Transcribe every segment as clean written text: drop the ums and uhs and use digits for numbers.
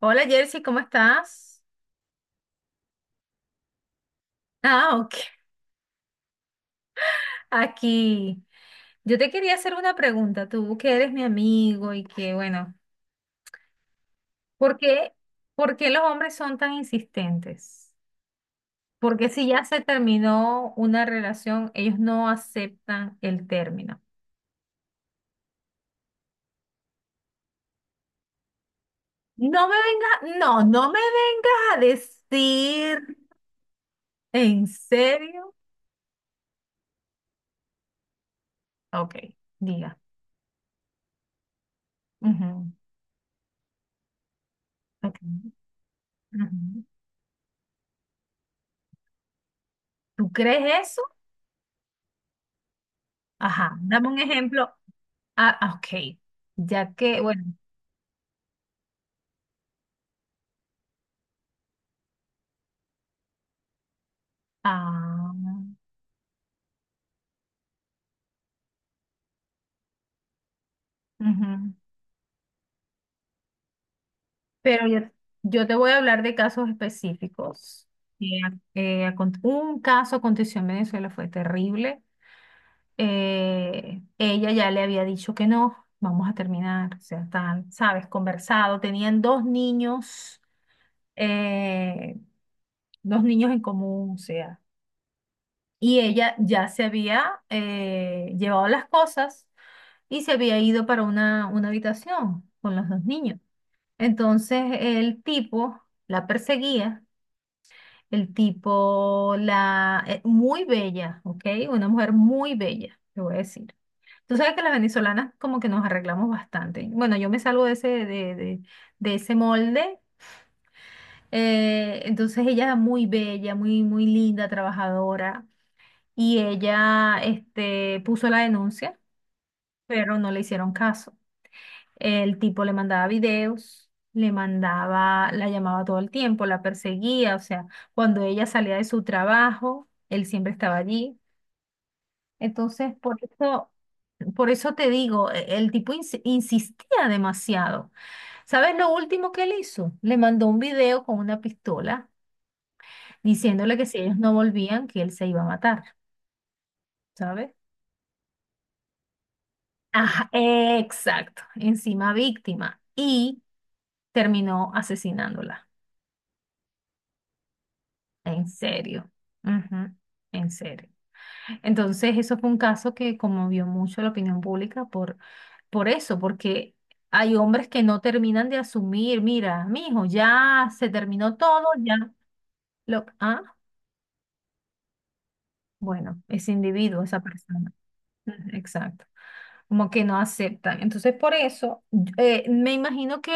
Hola Jersey, ¿cómo estás? Ah, ok. Aquí. Yo te quería hacer una pregunta, tú que eres mi amigo y que, bueno, ¿por qué, por qué los hombres son tan insistentes? Porque si ya se terminó una relación, ellos no aceptan el término. No me vengas, no me vengas a decir, ¿en serio? Ok, diga. Ujú, ok, ujú. ¿Tú crees eso? Ajá, dame un ejemplo. Ah, ah, ok. Ya que, bueno, ah, ujú. Pero yo te voy a hablar de casos específicos. Eh, un caso aconteció en Venezuela, fue terrible. Ella ya le había dicho que no, vamos a terminar. O sea, están, sabes, conversado. Tenían eh, dos niños en común, o sea. Y ella ya se había llevado las cosas y se había ido para una habitación con los dos niños. Entonces el tipo la perseguía, el tipo la... muy bella, ¿ok? Una mujer muy bella, te voy a decir. Tú sabes que las venezolanas como que nos arreglamos bastante. Bueno, yo me salgo de de ese molde. Entonces ella muy bella, muy, muy linda, trabajadora. Y ella, este, puso la denuncia, pero no le hicieron caso. El tipo le mandaba videos, le mandaba, la llamaba todo el tiempo, la perseguía, o sea, cuando ella salía de su trabajo, él siempre estaba allí. Entonces, por eso te digo, insistía demasiado. ¿Sabes lo último que él hizo? Le mandó un video con una pistola diciéndole que si ellos no volvían, que él se iba a matar, ¿sabes? Ajá, exacto, encima víctima y terminó asesinándola. En serio. Ujú, en serio. Entonces, eso fue un caso que conmovió mucho la opinión pública por eso, porque hay hombres que no terminan de asumir, mira, mijo, ya se terminó todo, ya lo, ah, bueno, ese individuo, esa persona. Ujú, exacto. Como que no aceptan. Entonces, por eso, me imagino que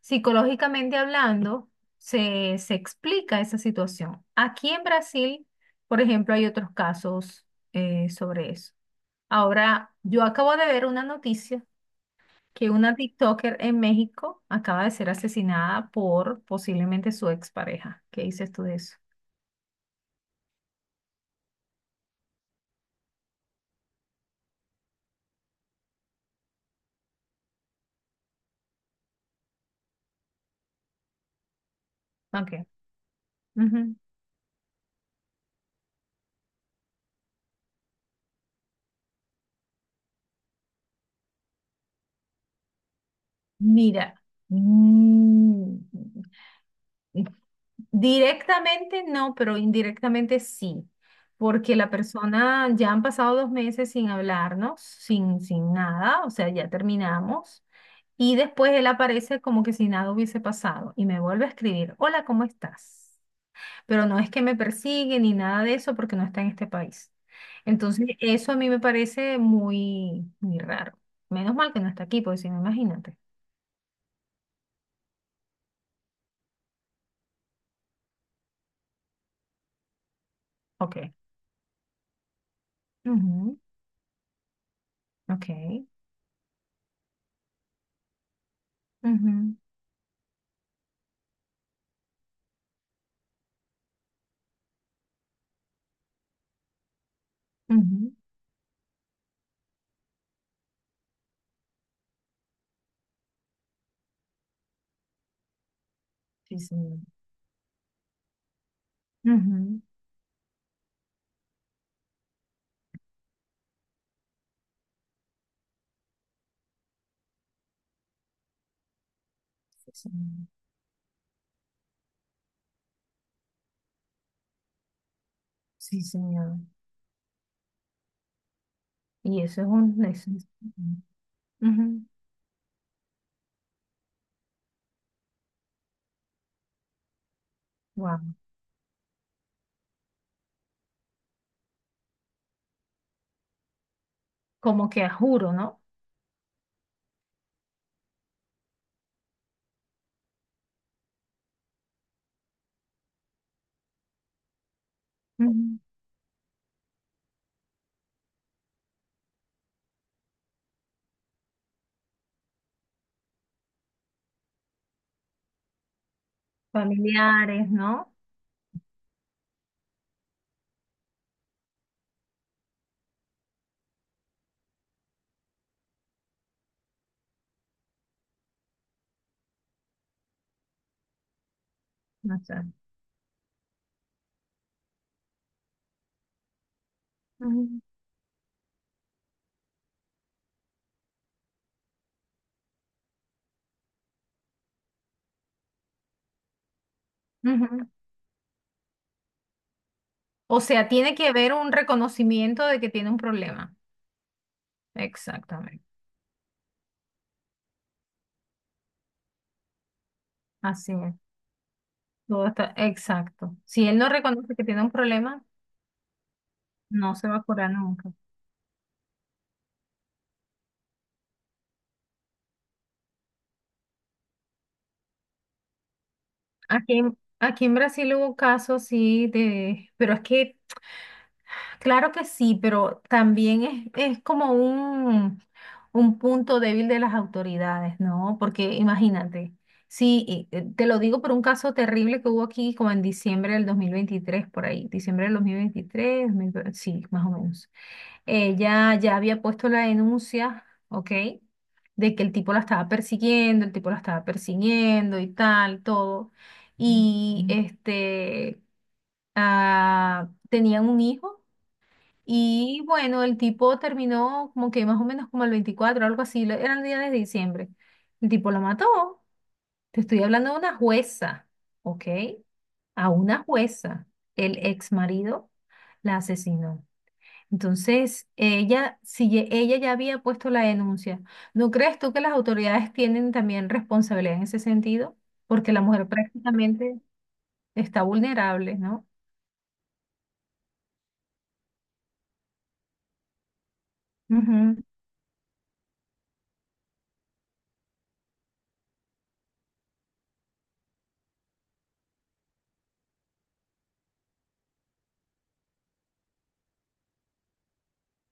psicológicamente hablando, se explica esa situación. Aquí en Brasil, por ejemplo, hay otros casos sobre eso. Ahora, yo acabo de ver una noticia que una TikToker en México acaba de ser asesinada por posiblemente su expareja. ¿Qué dices tú de eso? Ok. Ujú. Mira, mm, directamente no, pero indirectamente sí, porque la persona ya han pasado dos meses sin hablarnos, sin nada, o sea, ya terminamos, y después él aparece como que si nada hubiese pasado y me vuelve a escribir, hola, ¿cómo estás? Pero no es que me persigue ni nada de eso porque no está en este país. Entonces, eso a mí me parece muy, muy raro. Menos mal que no está aquí, porque si no, imagínate. Ok. Ujú, ok. Ujú, ujú. Sí, sí. Ujú, sí, señor. Sí, señor. Y eso es un... eso es- ujú, wow. Como que a juro, ¿no? Ujú. Familiares, ¿no? No sé. Ujú, ujú. O sea, tiene que haber un reconocimiento de que tiene un problema. Exactamente. Así es. Todo está... Exacto. Si él no reconoce que tiene un problema, no se va a curar nunca. Aquí en Brasil hubo casos, sí, de, pero es que claro que sí, pero también es como un punto débil de las autoridades, ¿no? Porque imagínate, sí, y, te lo digo por un caso terrible que hubo aquí como en diciembre del 2023 por ahí, diciembre del dos mil 2020, sí, más o menos. Ella ya había puesto la denuncia, ¿ok? De que el tipo la estaba persiguiendo, el tipo la estaba persiguiendo y tal, todo. Y ujú. Este, tenían un hijo. Y bueno, el tipo terminó como que más o menos como el 24 algo así, era el día de diciembre. El tipo lo mató. Te estoy hablando de una jueza, ¿ok? A una jueza, el ex marido la asesinó. Entonces, ella, si ye- ella ya había puesto la denuncia, ¿no crees tú que las autoridades tienen también responsabilidad en ese sentido? Porque la mujer prácticamente está vulnerable, ¿no? Ujú,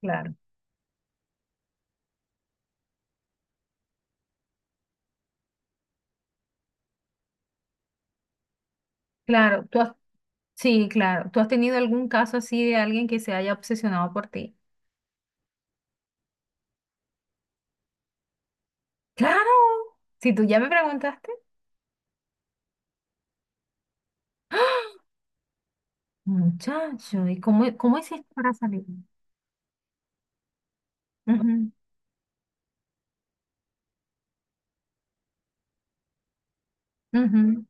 claro, claro. ¿Tú has Sí, claro. ¿Tú has tenido algún caso así de alguien que se haya obsesionado por ti? Claro. Si tú ya me preguntaste. Muchacho, ¿y cómo, cómo hiciste para salir? Ujú, ujú,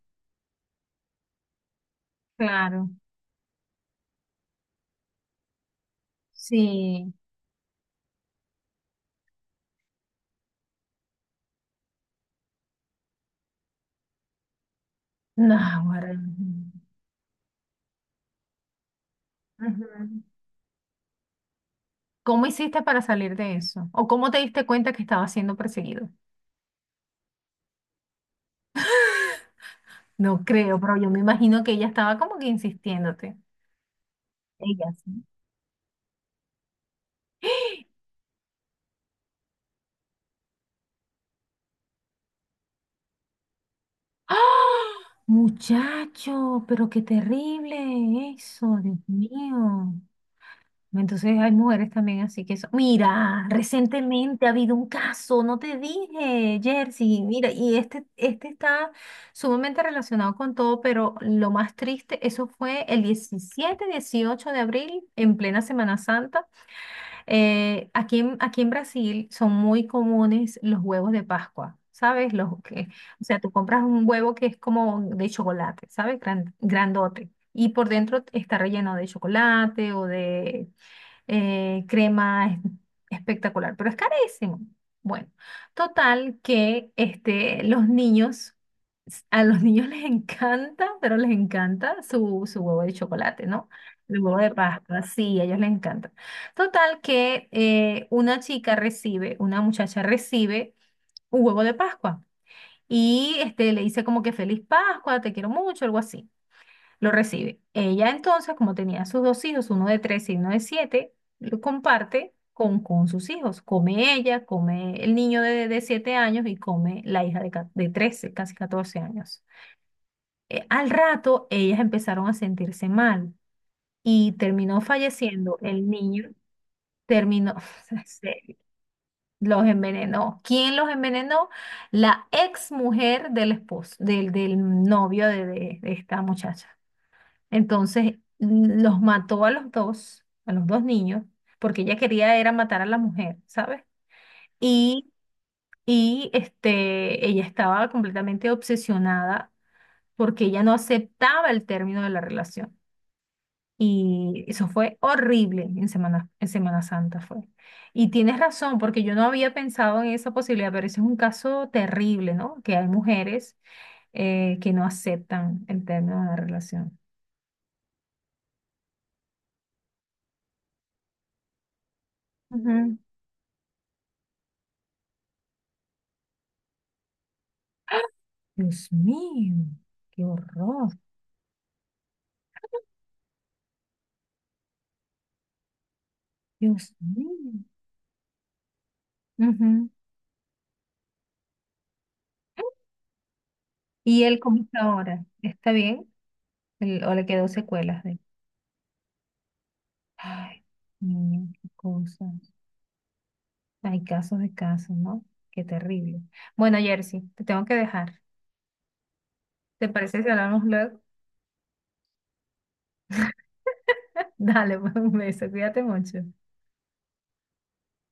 claro, sí. No, ahora, ujú. ¿Cómo hiciste para salir de eso? ¿O cómo te diste cuenta que estaba siendo perseguido? No creo, pero yo me imagino que ella estaba como que insistiéndote. Ella, sí. ¡Ah! Muchacho, pero qué terrible eso, Dios mío. Entonces hay mujeres también así que eso. Mira, recientemente ha habido un caso, no te dije, Jersey. Mira, y este está sumamente relacionado con todo, pero lo más triste, eso fue el 17, 18 de abril, en plena Semana Santa. Aquí en, aquí en Brasil son muy comunes los huevos de Pascua, ¿sabes? Los que, o sea, tú compras un huevo que es como de chocolate, ¿sabes? Grandote. Y por dentro está relleno de chocolate o de crema, es espectacular, pero es carísimo. Bueno, total que este, los niños, a los niños les encanta, pero les encanta su, su huevo de chocolate, ¿no? El huevo de Pascua, sí, a ellos les encanta. Total que una chica recibe, una muchacha recibe un huevo de Pascua y este, le dice como que feliz Pascua, te quiero mucho, algo así lo recibe. Ella entonces, como tenía sus dos hijos, uno de tres y uno de siete, lo comparte con sus hijos. Come ella, come el niño de siete años y come la hija de 13 casi 14 años. Al rato, ellas empezaron a sentirse mal y terminó falleciendo el niño. Terminó, se- los envenenó. ¿Quién los envenenó? La ex mujer del esposo, del, del novio de esta muchacha. Entonces los mató a los dos niños, porque ella quería era matar a la mujer, ¿sabes? Y, y este, ella estaba completamente obsesionada porque ella no aceptaba el término de la relación. Y eso fue horrible en Semana Santa fue. Y tienes razón, porque yo no había pensado en esa posibilidad, pero ese es un caso terrible, ¿no? Que hay mujeres que no aceptan el término de la relación. Ujú. Dios mío, qué horror, Dios mío. Ujú. ¿Y él cómo está ahora? ¿Está bien? ¿El- ¿O le quedó secuelas de... Ay, niño, qué cosas. Hay casos de casos, ¿no? Qué terrible. Bueno, Jersey, te tengo que dejar. ¿Te parece si hablamos luego? Dale, pues un beso, cuídate mucho.